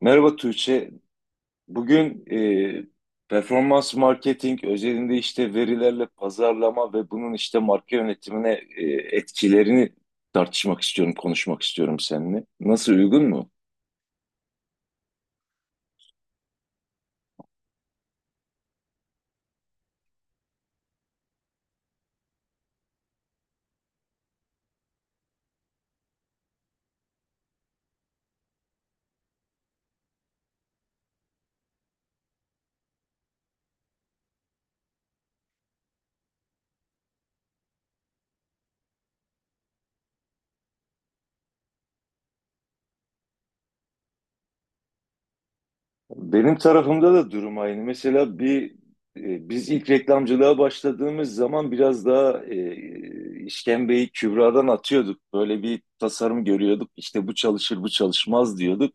Merhaba Tuğçe. Bugün performans marketing özelinde işte verilerle pazarlama ve bunun işte marka yönetimine e, etkilerini tartışmak istiyorum, konuşmak istiyorum seninle. Nasıl, uygun mu? Benim tarafımda da durum aynı. Mesela bir biz ilk reklamcılığa başladığımız zaman biraz daha işkembeyi kübradan atıyorduk. Böyle bir tasarım görüyorduk. İşte bu çalışır, bu çalışmaz diyorduk.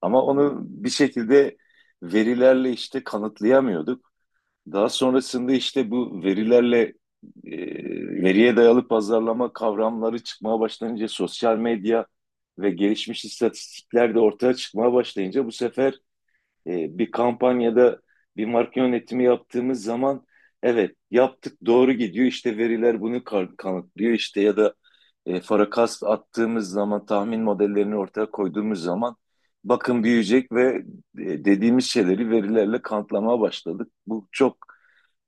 Ama onu bir şekilde verilerle işte kanıtlayamıyorduk. Daha sonrasında işte bu verilerle e, veriye dayalı pazarlama kavramları çıkmaya başlayınca sosyal medya ve gelişmiş istatistikler de ortaya çıkmaya başlayınca bu sefer bir kampanyada bir marka yönetimi yaptığımız zaman evet yaptık, doğru gidiyor, işte veriler bunu kanıtlıyor işte, ya da forecast attığımız zaman, tahmin modellerini ortaya koyduğumuz zaman bakın büyüyecek ve dediğimiz şeyleri verilerle kanıtlamaya başladık. Bu çok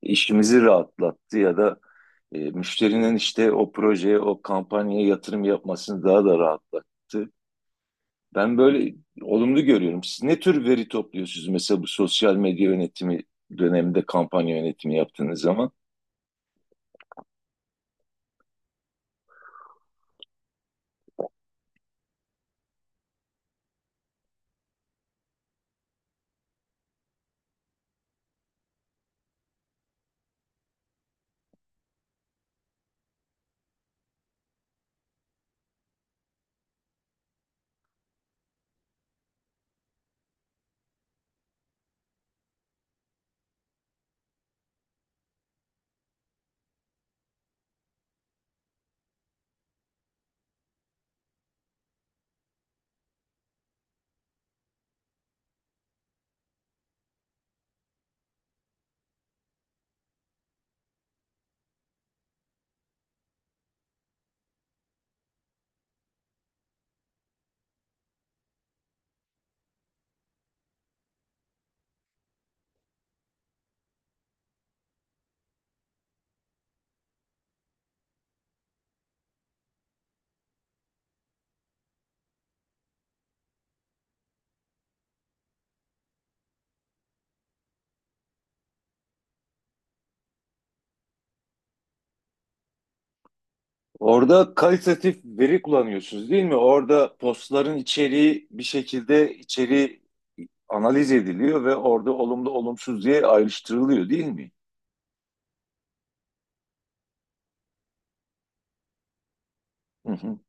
işimizi rahatlattı ya da müşterinin işte o projeye, o kampanyaya yatırım yapmasını daha da rahatlattı. Ben böyle olumlu görüyorum. Siz ne tür veri topluyorsunuz mesela bu sosyal medya yönetimi döneminde kampanya yönetimi yaptığınız zaman? Orada kalitatif veri kullanıyorsunuz değil mi? Orada postların içeriği bir şekilde içeriği analiz ediliyor ve orada olumlu olumsuz diye ayrıştırılıyor değil mi? Hı hı,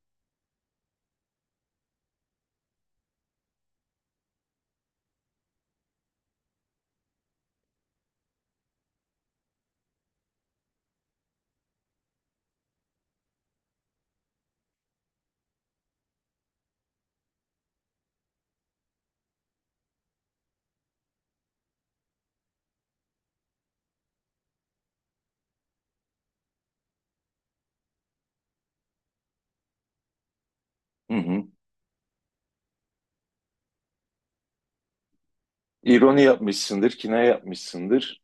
hı hı. İroni yapmışsındır, kinaye yapmışsındır.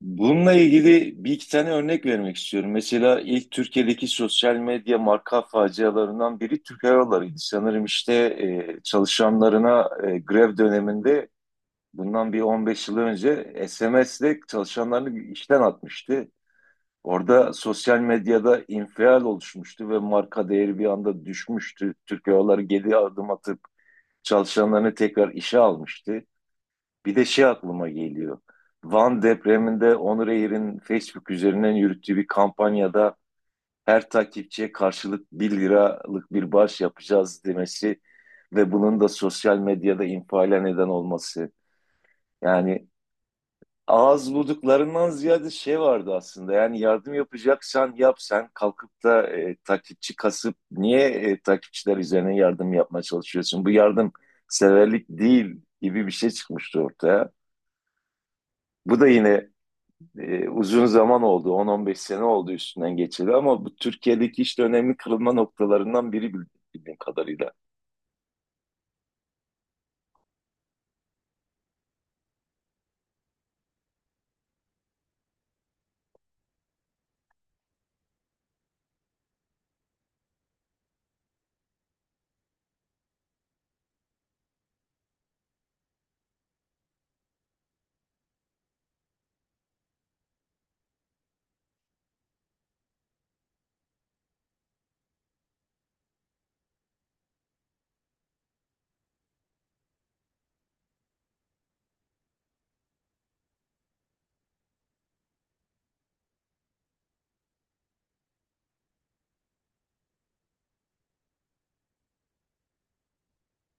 Bununla ilgili bir iki tane örnek vermek istiyorum. Mesela ilk Türkiye'deki sosyal medya marka facialarından biri Türk Hava Yolları'ydı. Sanırım işte çalışanlarına grev döneminde bundan bir 15 yıl önce SMS'le çalışanlarını işten atmıştı. Orada sosyal medyada infial oluşmuştu ve marka değeri bir anda düşmüştü. Türk Hava Yolları geri adım atıp çalışanlarını tekrar işe almıştı. Bir de şey aklıma geliyor. Van depreminde Onur Air'in Facebook üzerinden yürüttüğü bir kampanyada her takipçiye karşılık 1 liralık bir bağış yapacağız demesi ve bunun da sosyal medyada infiale neden olması. Yani ağız bulduklarından ziyade şey vardı aslında. Yani yardım yapacaksan yap, sen kalkıp da takipçi kasıp niye takipçiler üzerine yardım yapmaya çalışıyorsun? Bu yardım severlik değil gibi bir şey çıkmıştı ortaya. Bu da yine uzun zaman oldu. 10-15 sene oldu üstünden geçeli ama bu Türkiye'deki işte önemli kırılma noktalarından biri bildiğim kadarıyla.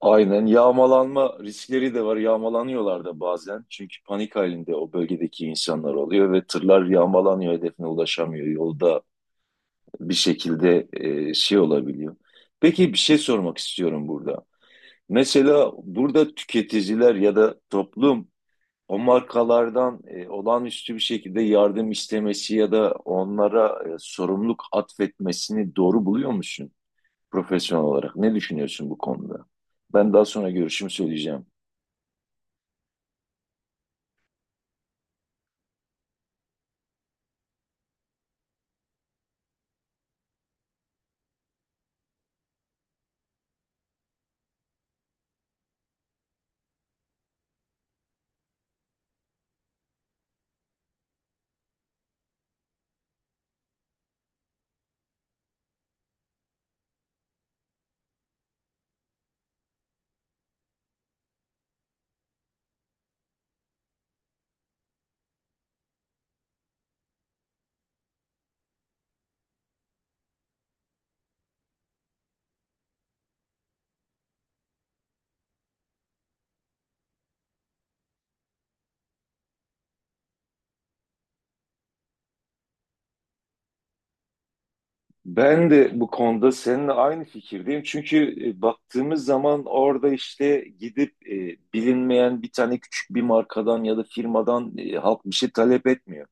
Aynen, yağmalanma riskleri de var. Yağmalanıyorlar da bazen. Çünkü panik halinde o bölgedeki insanlar oluyor ve tırlar yağmalanıyor, hedefine ulaşamıyor. Yolda bir şekilde şey olabiliyor. Peki bir şey sormak istiyorum burada. Mesela burada tüketiciler ya da toplum o markalardan olağanüstü bir şekilde yardım istemesi ya da onlara sorumluluk atfetmesini doğru buluyor musun profesyonel olarak? Ne düşünüyorsun bu konuda? Ben daha sonra görüşümü söyleyeceğim. Ben de bu konuda seninle aynı fikirdeyim. Çünkü baktığımız zaman orada işte gidip bilinmeyen bir tane küçük bir markadan ya da firmadan halk bir şey talep etmiyor.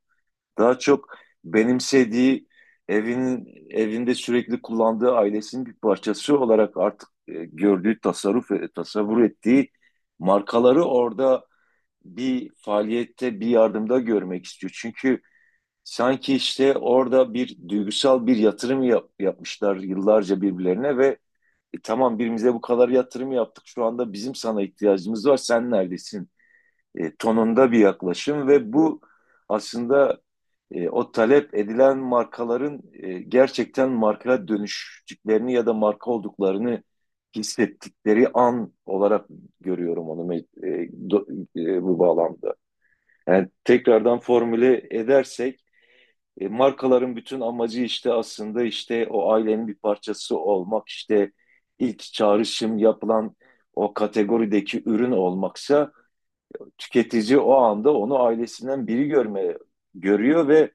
Daha çok benimsediği evinin evinde sürekli kullandığı ailesinin bir parçası olarak artık gördüğü tasarruf tasavvur ettiği markaları orada bir faaliyette, bir yardımda görmek istiyor. Çünkü sanki işte orada bir duygusal bir yatırım yapmışlar yıllarca birbirlerine ve "E, tamam, birimize bu kadar yatırım yaptık, şu anda bizim sana ihtiyacımız var, sen neredesin? Tonunda bir yaklaşım ve bu aslında o talep edilen markaların gerçekten marka dönüştüklerini ya da marka olduklarını hissettikleri an olarak görüyorum onu do, bu bağlamda. Yani tekrardan formüle edersek markaların bütün amacı işte aslında işte o ailenin bir parçası olmak, işte ilk çağrışım yapılan o kategorideki ürün olmaksa tüketici o anda onu ailesinden biri görüyor ve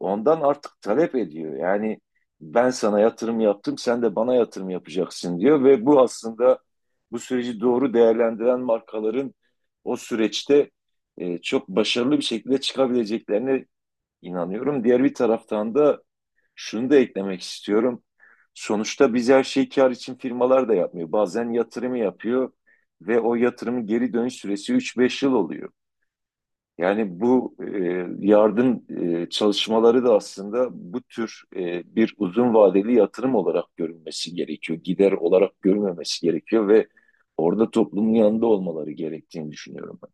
ondan artık talep ediyor. Yani ben sana yatırım yaptım, sen de bana yatırım yapacaksın diyor ve bu aslında bu süreci doğru değerlendiren markaların o süreçte çok başarılı bir şekilde çıkabileceklerine inanıyorum. Diğer bir taraftan da şunu da eklemek istiyorum. Sonuçta biz her şeyi kar için firmalar da yapmıyor. Bazen yatırımı yapıyor ve o yatırımın geri dönüş süresi 3-5 yıl oluyor. Yani bu yardım çalışmaları da aslında bu tür bir uzun vadeli yatırım olarak görülmesi gerekiyor. Gider olarak görülmemesi gerekiyor ve orada toplumun yanında olmaları gerektiğini düşünüyorum ben.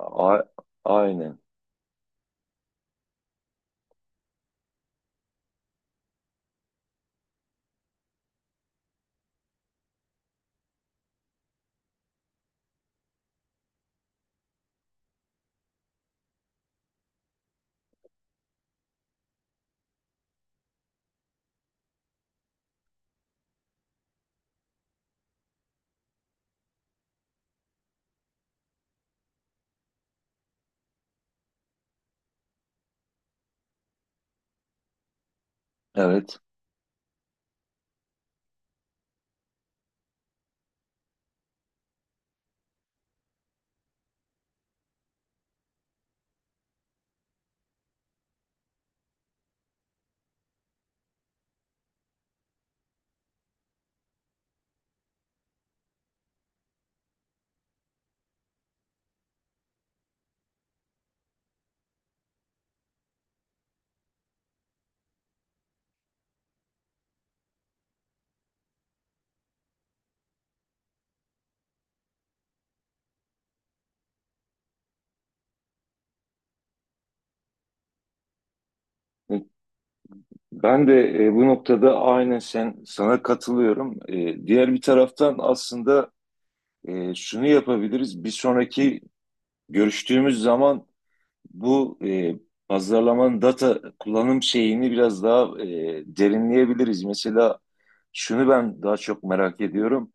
A- aynen. Evet. Ben de bu noktada aynen sana katılıyorum. Diğer bir taraftan aslında şunu yapabiliriz. Bir sonraki görüştüğümüz zaman bu pazarlamanın data kullanım şeyini biraz daha derinleyebiliriz. Mesela şunu ben daha çok merak ediyorum.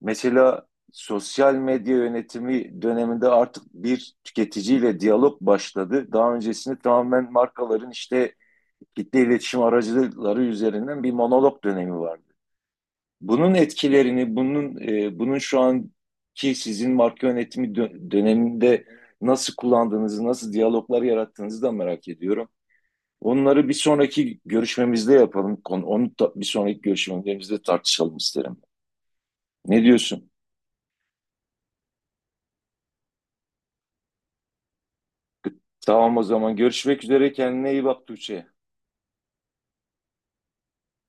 Mesela sosyal medya yönetimi döneminde artık bir tüketiciyle diyalog başladı. Daha öncesinde tamamen markaların işte kitle iletişim aracıları üzerinden bir monolog dönemi vardı. Bunun etkilerini, bunun bunun şu anki sizin marka yönetimi döneminde nasıl kullandığınızı, nasıl diyaloglar yarattığınızı da merak ediyorum. Onları bir sonraki görüşmemizde yapalım. Onu da bir sonraki görüşmemizde tartışalım isterim. Ne diyorsun? Tamam, o zaman görüşmek üzere. Kendine iyi bak Tuğçe.